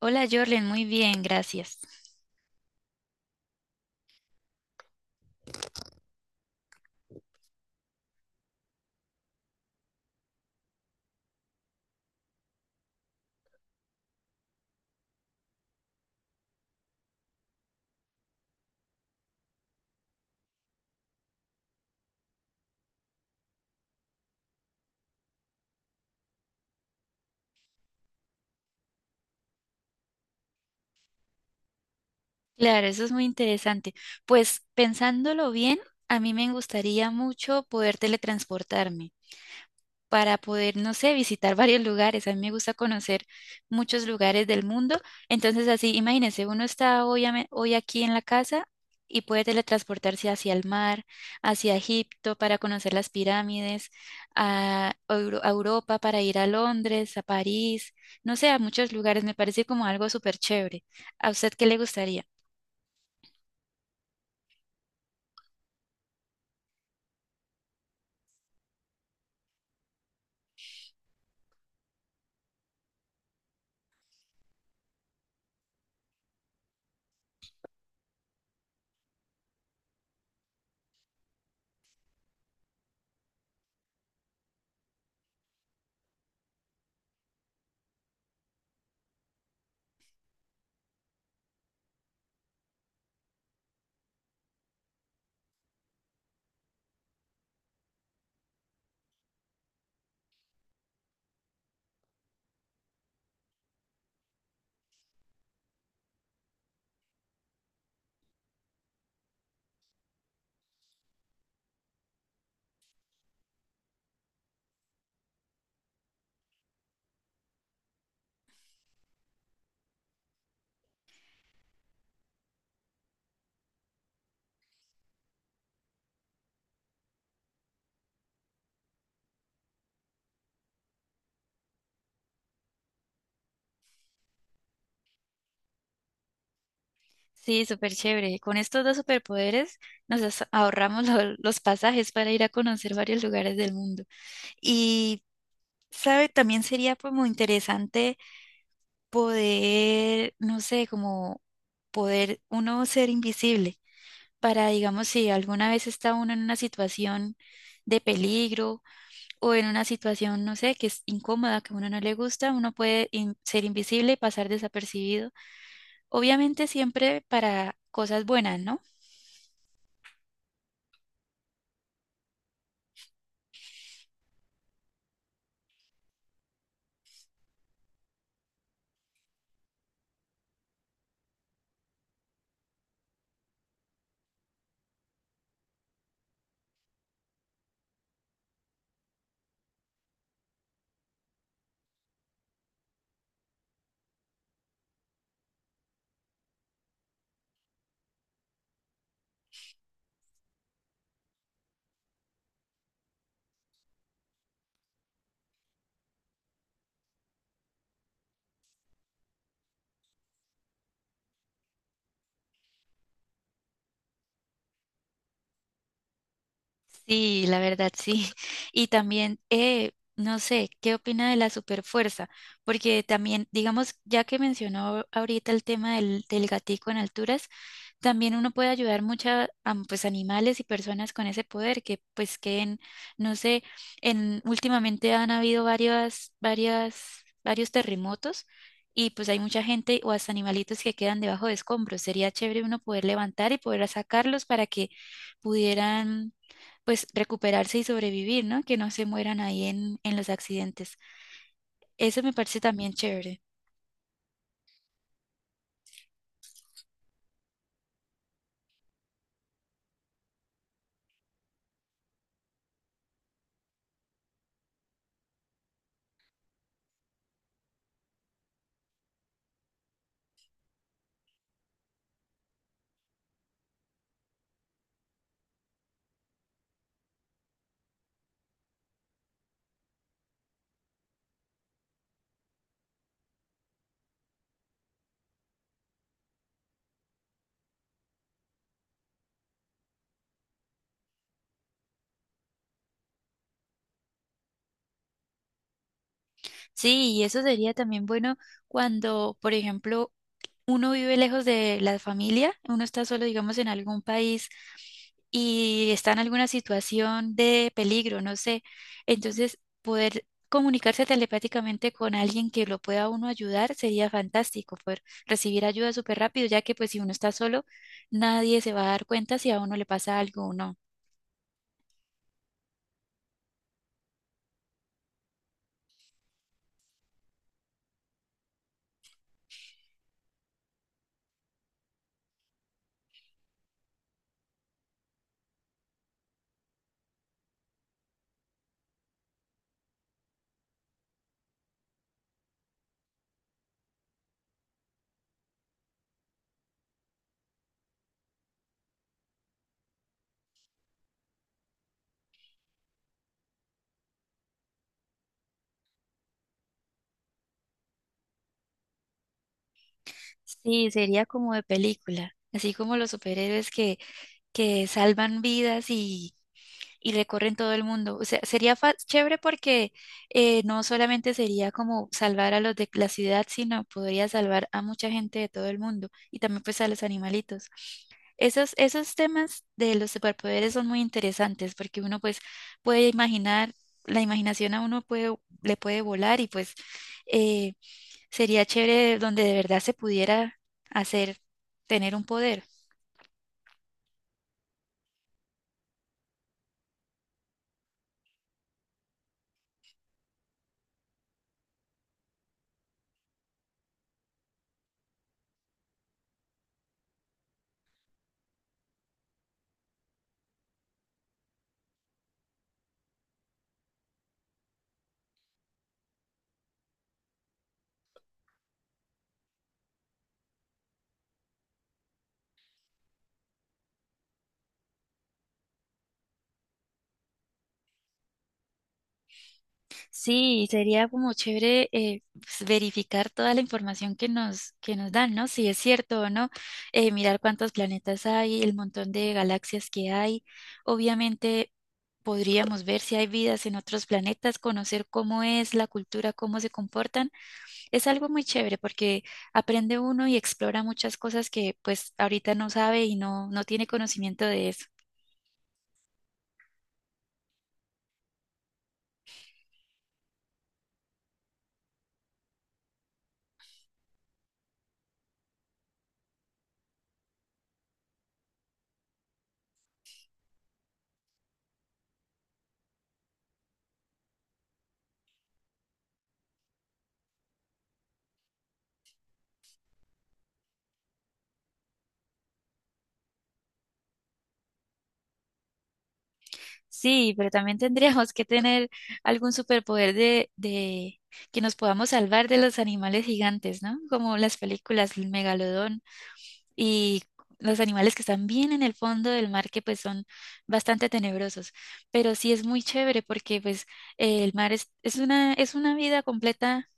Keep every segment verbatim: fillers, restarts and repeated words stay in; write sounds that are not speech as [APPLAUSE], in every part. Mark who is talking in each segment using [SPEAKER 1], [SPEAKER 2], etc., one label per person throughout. [SPEAKER 1] Hola Jorlen, muy bien, gracias. Claro, eso es muy interesante. Pues pensándolo bien, a mí me gustaría mucho poder teletransportarme, para poder, no sé, visitar [LAUGHS] varios lugares. A mí me gusta conocer muchos lugares del mundo. Entonces, así, imagínense, uno está hoy, ame- hoy aquí en la casa y puede teletransportarse hacia el mar, hacia Egipto para conocer las pirámides, a, Euro- a Europa para ir a Londres, a París, no sé, a muchos lugares. Me parece como algo súper chévere. ¿A usted qué le gustaría? Sí, súper chévere. Con estos dos superpoderes nos as- ahorramos [LAUGHS] lo- los pasajes para ir a conocer varios lugares del mundo. Y, ¿sabe? También sería como interesante poder, no sé, como poder uno ser invisible para, digamos, si alguna vez está uno en una situación de peligro o en una situación, no sé, que es incómoda, que a uno no le gusta, uno puede in- ser invisible y pasar desapercibido. Obviamente siempre para cosas buenas, ¿no? Sí, la verdad sí. [LAUGHS] Y también, eh, no sé, ¿qué opina de la superfuerza? Porque también, digamos, ya que mencionó ahorita el tema del, del gatico en alturas, también uno puede ayudar mucho a, am- pues, animales y personas con ese poder que, pues, que no sé, en, últimamente han habido varias, varias, varios terremotos y pues hay mucha gente o hasta animalitos que quedan debajo de escombros. Sería chévere uno poder levantar y poder sacarlos para que pudieran pues recuperarse y sobrevivir, ¿no? Que no se mueran ahí en, en los accidentes. Eso me parece también chévere. Sí, y eso sería también bueno cuando, por ejemplo, uno vive lejos de la familia, uno está solo, digamos, en algún país y está en alguna situación de peligro, no sé. Entonces, poder comunicarse telepáticamente con alguien que lo pueda uno ayudar sería fantástico, poder recibir ayuda súper rápido, ya que pues si uno está solo, nadie se va a dar cuenta si a uno le pasa algo o no. Sí, sería como de película, así como los superhéroes que, que salvan vidas y, y recorren todo el mundo. O sea, sería fa- chévere porque eh, no solamente sería como salvar a los de la ciudad, sino podría salvar a mucha gente de todo el mundo y también pues a los animalitos. Esos, esos temas de los superpoderes son muy interesantes porque uno pues puede imaginar, la imaginación a uno puede, le puede volar y pues... eh, sería chévere donde de verdad se pudiera hacer, tener un poder. Sí, sería como chévere eh, pues, verificar toda la información que nos, que nos dan, ¿no? Si es cierto o no, eh, mirar cuántos planetas hay, el montón de galaxias que hay. Obviamente podríamos ver si hay vidas en otros planetas, conocer cómo es la cultura, cómo se comportan. Es algo muy chévere porque aprende uno y explora muchas cosas que pues ahorita no sabe y no, no tiene conocimiento de eso. Sí, pero también tendríamos que tener algún superpoder de, de que nos podamos salvar de los animales gigantes, ¿no? Como las películas, el megalodón y los animales que están bien en el fondo del mar, que pues son bastante tenebrosos. Pero sí es muy chévere porque pues eh, el mar es, es una, es una vida completa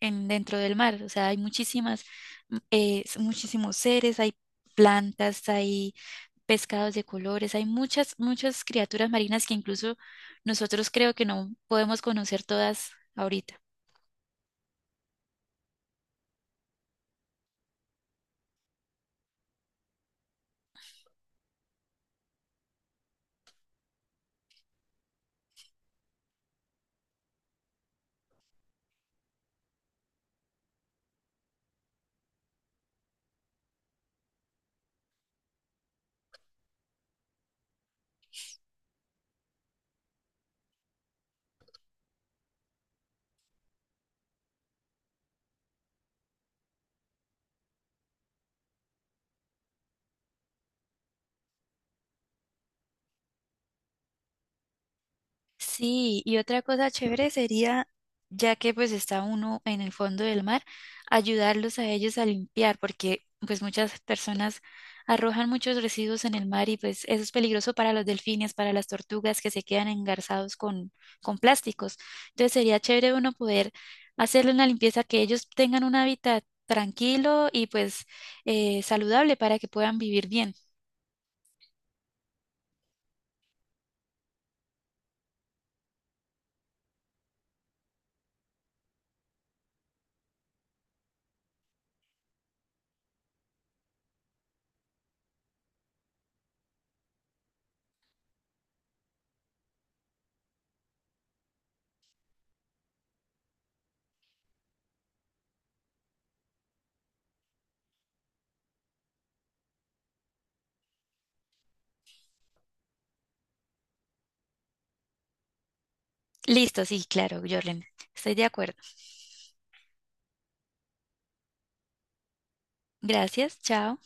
[SPEAKER 1] en, dentro del mar. O sea, hay muchísimas, mm, eh, s- muchísimos seres, hay plantas, hay pescados de colores, hay muchas, muchas criaturas marinas que incluso nosotros creo que no podemos conocer todas ahorita. Sí, y otra cosa chévere sería, ya que pues está uno en el fondo del mar, ayudarlos a ellos a limpiar, porque pues muchas personas arrojan muchos residuos en el mar y pues eso es peligroso para los delfines, para las tortugas que se quedan engarzados con, con plásticos. Entonces sería chévere uno poder hacerle una limpieza, que ellos tengan un hábitat tranquilo y pues eh, saludable para que puedan vivir bien. Listo, sí, claro, Jorlen, estoy de acuerdo. Gracias, chao.